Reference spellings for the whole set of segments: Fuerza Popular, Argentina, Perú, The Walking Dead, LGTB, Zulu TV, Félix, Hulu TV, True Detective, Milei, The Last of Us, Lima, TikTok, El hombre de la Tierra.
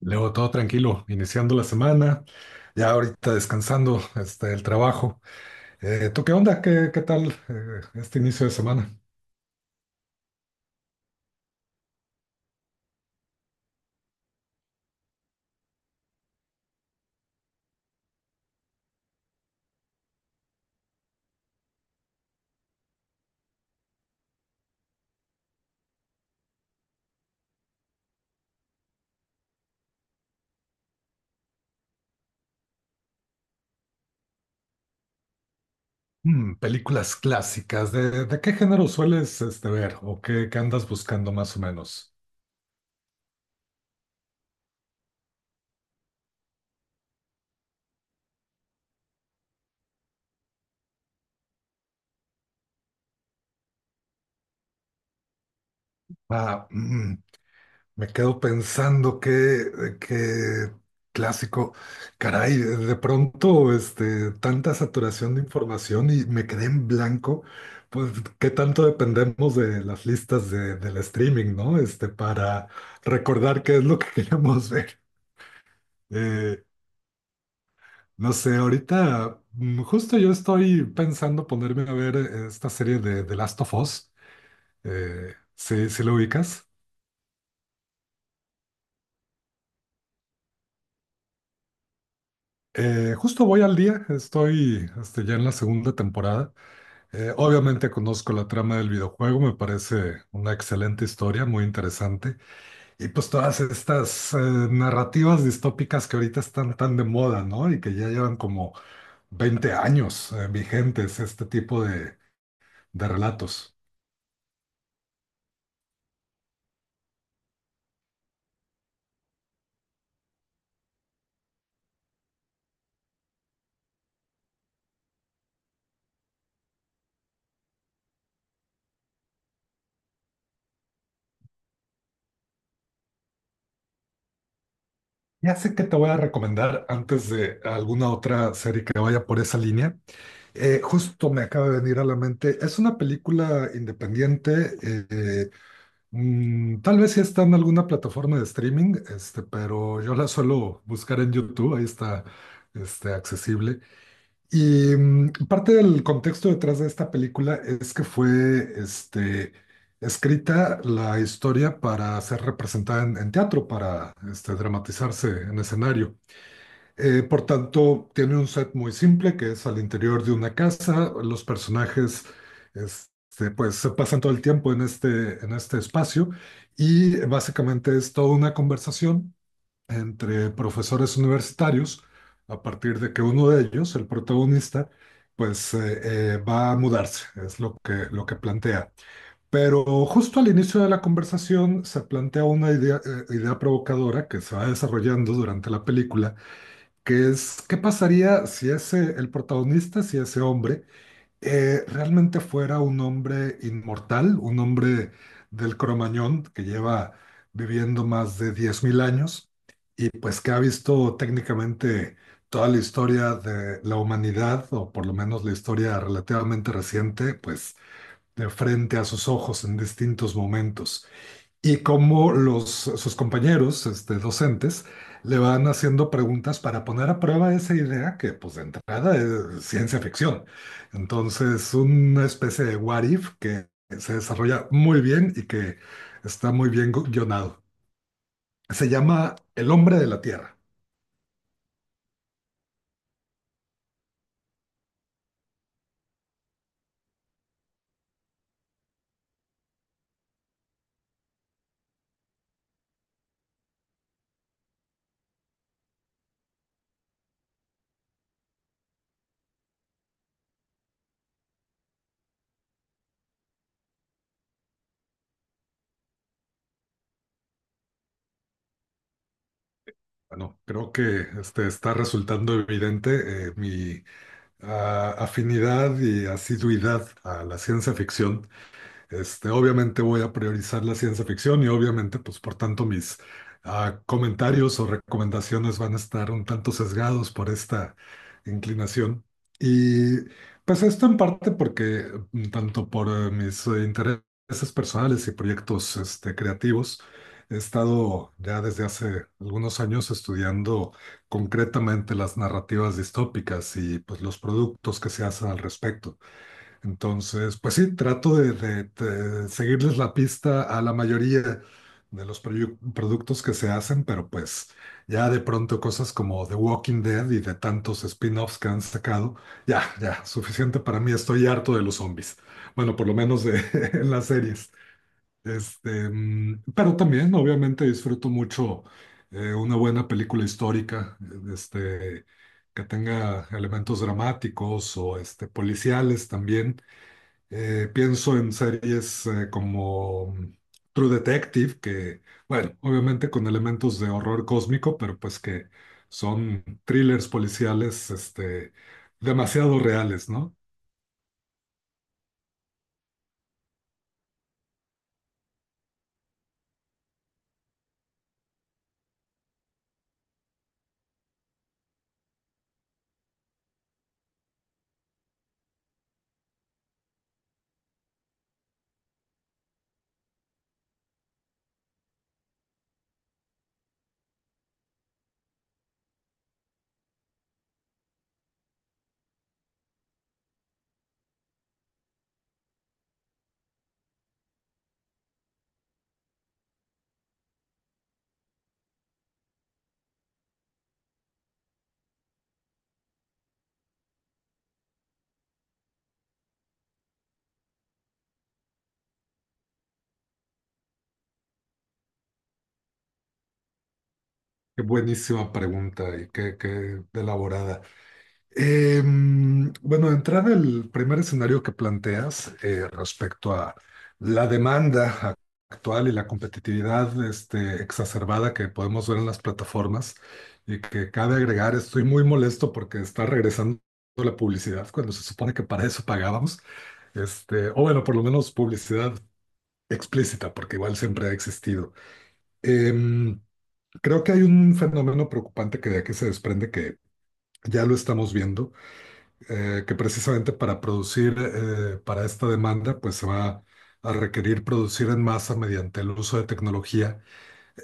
Luego todo tranquilo, iniciando la semana, ya ahorita descansando el trabajo. ¿Tú qué onda? ¿Qué tal este inicio de semana? Películas clásicas, ¿de qué género sueles ver o qué andas buscando más o menos? Ah, mm, Me quedo pensando qué clásico. Caray, de pronto, tanta saturación de información y me quedé en blanco. Pues, qué tanto dependemos de las listas del streaming, ¿no? Para recordar qué es lo que queremos ver. Eh, no sé, ahorita, justo yo estoy pensando ponerme a ver esta serie de The Last of Us. Sí lo ubicas? Justo voy al día, estoy ya en la segunda temporada. Obviamente conozco la trama del videojuego, me parece una excelente historia, muy interesante. Y pues todas estas narrativas distópicas que ahorita están tan de moda, ¿no? Y que ya llevan como 20 años vigentes este tipo de relatos. Ya sé que te voy a recomendar antes de alguna otra serie que vaya por esa línea. Justo me acaba de venir a la mente. Es una película independiente. Tal vez sí está en alguna plataforma de streaming, pero yo la suelo buscar en YouTube, ahí está, accesible. Y parte del contexto detrás de esta película es que fue, escrita la historia para ser representada en teatro, para, dramatizarse en escenario. Por tanto, tiene un set muy simple que es al interior de una casa. Los personajes, pues, se pasan todo el tiempo en este espacio y básicamente es toda una conversación entre profesores universitarios a partir de que uno de ellos, el protagonista, pues, va a mudarse, es lo lo que plantea. Pero justo al inicio de la conversación se plantea una idea, idea provocadora que se va desarrollando durante la película que es, ¿qué pasaría si ese, el protagonista, si ese hombre, realmente fuera un hombre inmortal, un hombre del Cromañón que lleva viviendo más de 10,000 años y pues que ha visto técnicamente toda la historia de la humanidad, o por lo menos la historia relativamente reciente, pues de frente a sus ojos en distintos momentos? ¿Y cómo los, sus compañeros, docentes, le van haciendo preguntas para poner a prueba esa idea que, pues, de entrada es ciencia ficción? Entonces, una especie de what if que se desarrolla muy bien y que está muy bien guionado. Se llama El hombre de la Tierra. Bueno, creo que está resultando evidente mi afinidad y asiduidad a la ciencia ficción. Obviamente voy a priorizar la ciencia ficción y obviamente, pues por tanto, mis comentarios o recomendaciones van a estar un tanto sesgados por esta inclinación. Y pues esto en parte porque, tanto por mis intereses personales y proyectos creativos, he estado ya desde hace algunos años estudiando concretamente las narrativas distópicas y pues los productos que se hacen al respecto. Entonces, pues sí, trato de seguirles la pista a la mayoría de los productos que se hacen, pero pues ya de pronto cosas como The Walking Dead y de tantos spin-offs que han sacado, ya, suficiente para mí, estoy harto de los zombies. Bueno, por lo menos de, en las series. Pero también, obviamente, disfruto mucho una buena película histórica, este, que tenga elementos dramáticos o policiales también. Pienso en series como True Detective, que, bueno, obviamente con elementos de horror cósmico, pero pues que son thrillers policiales, demasiado reales, ¿no? Qué buenísima pregunta y qué elaborada. Bueno, de entrada, el primer escenario que planteas respecto a la demanda actual y la competitividad exacerbada que podemos ver en las plataformas y que cabe agregar, estoy muy molesto porque está regresando la publicidad cuando se supone que para eso pagábamos, o bueno, por lo menos publicidad explícita, porque igual siempre ha existido. Em, Creo que hay un fenómeno preocupante que de aquí se desprende que ya lo estamos viendo que precisamente para producir para esta demanda, pues se va a requerir producir en masa mediante el uso de tecnología,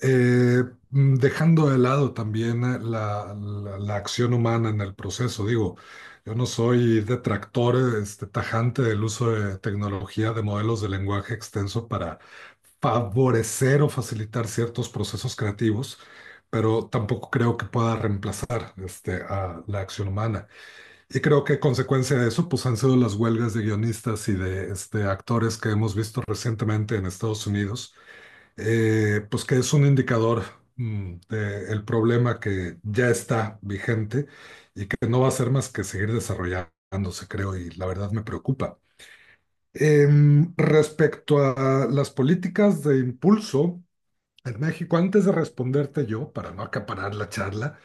eh, dejando de lado también la, la acción humana en el proceso. Digo, yo no soy detractor tajante del uso de tecnología de modelos de lenguaje extenso para favorecer o facilitar ciertos procesos creativos, pero tampoco creo que pueda reemplazar a la acción humana. Y creo que consecuencia de eso, pues han sido las huelgas de guionistas y de actores que hemos visto recientemente en Estados Unidos, pues que es un indicador de el problema que ya está vigente y que no va a ser más que seguir desarrollándose, creo, y la verdad me preocupa. Respecto a las políticas de impulso en México, antes de responderte yo, para no acaparar la charla,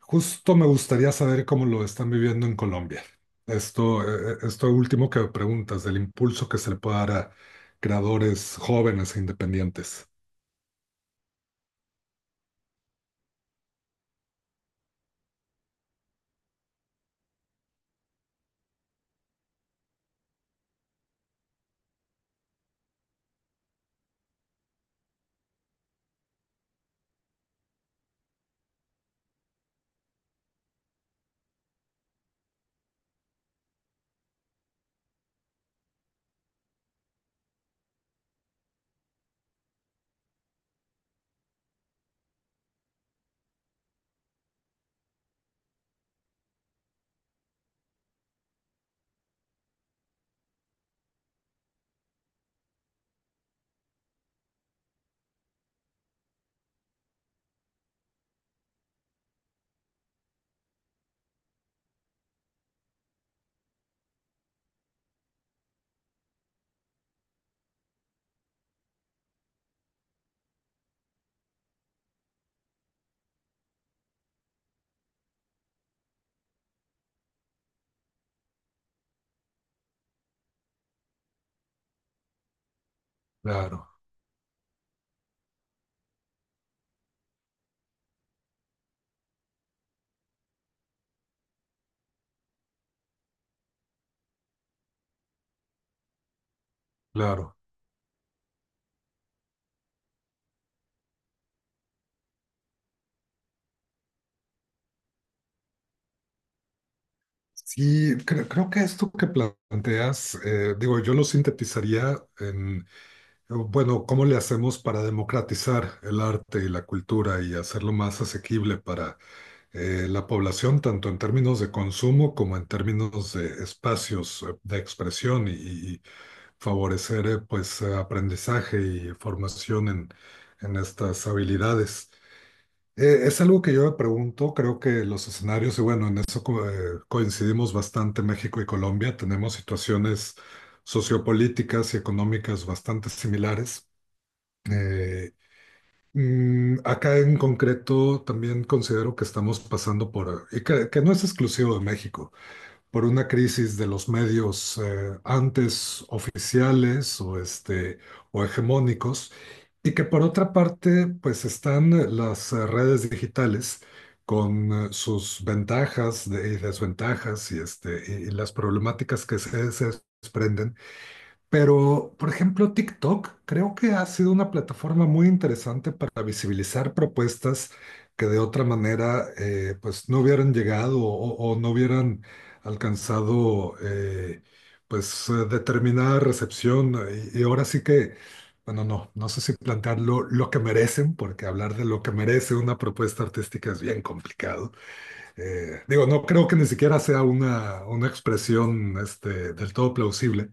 justo me gustaría saber cómo lo están viviendo en Colombia. Esto, esto último que preguntas, del impulso que se le puede dar a creadores jóvenes e independientes. Claro, claro. Sí, creo que esto que planteas, digo, yo lo sintetizaría en, bueno, ¿cómo le hacemos para democratizar el arte y la cultura y hacerlo más asequible para la población, tanto en términos de consumo como en términos de espacios de expresión y favorecer aprendizaje y formación en estas habilidades? Es algo que yo me pregunto, creo que los escenarios, y bueno, en eso coincidimos bastante México y Colombia, tenemos situaciones sociopolíticas y económicas bastante similares. Eh, Acá en concreto también considero que estamos pasando por, y que no es exclusivo de México por una crisis de los medios antes oficiales o, o hegemónicos, y que por otra parte, pues están las redes digitales con sus ventajas y desventajas y, y las problemáticas que se desprenden. Pero, por ejemplo, TikTok creo que ha sido una plataforma muy interesante para visibilizar propuestas que de otra manera pues no hubieran llegado o no hubieran alcanzado determinada recepción. Y ahora sí que, bueno, no, no sé si plantearlo lo que merecen, porque hablar de lo que merece una propuesta artística es bien complicado. Digo, no creo que ni siquiera sea una expresión del todo plausible.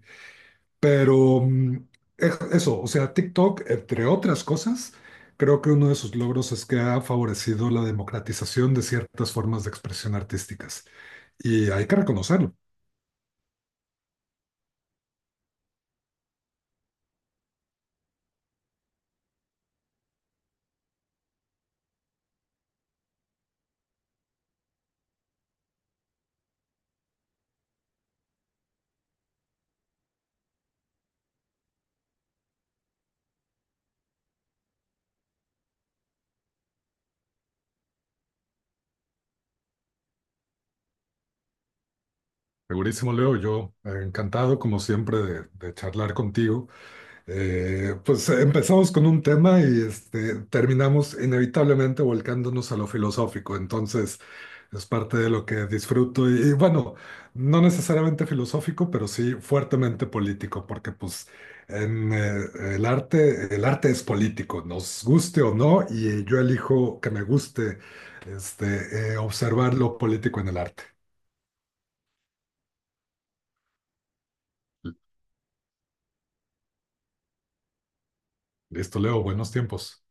Pero eso, o sea, TikTok, entre otras cosas, creo que uno de sus logros es que ha favorecido la democratización de ciertas formas de expresión artísticas. Y hay que reconocerlo. Segurísimo, Leo, yo encantado, como siempre, de charlar contigo. Pues empezamos con un tema y terminamos inevitablemente volcándonos a lo filosófico. Entonces, es parte de lo que disfruto y bueno, no necesariamente filosófico, pero sí fuertemente político, porque pues en el arte es político, nos guste o no, y yo elijo que me guste observar lo político en el arte. Listo, Leo, buenos tiempos.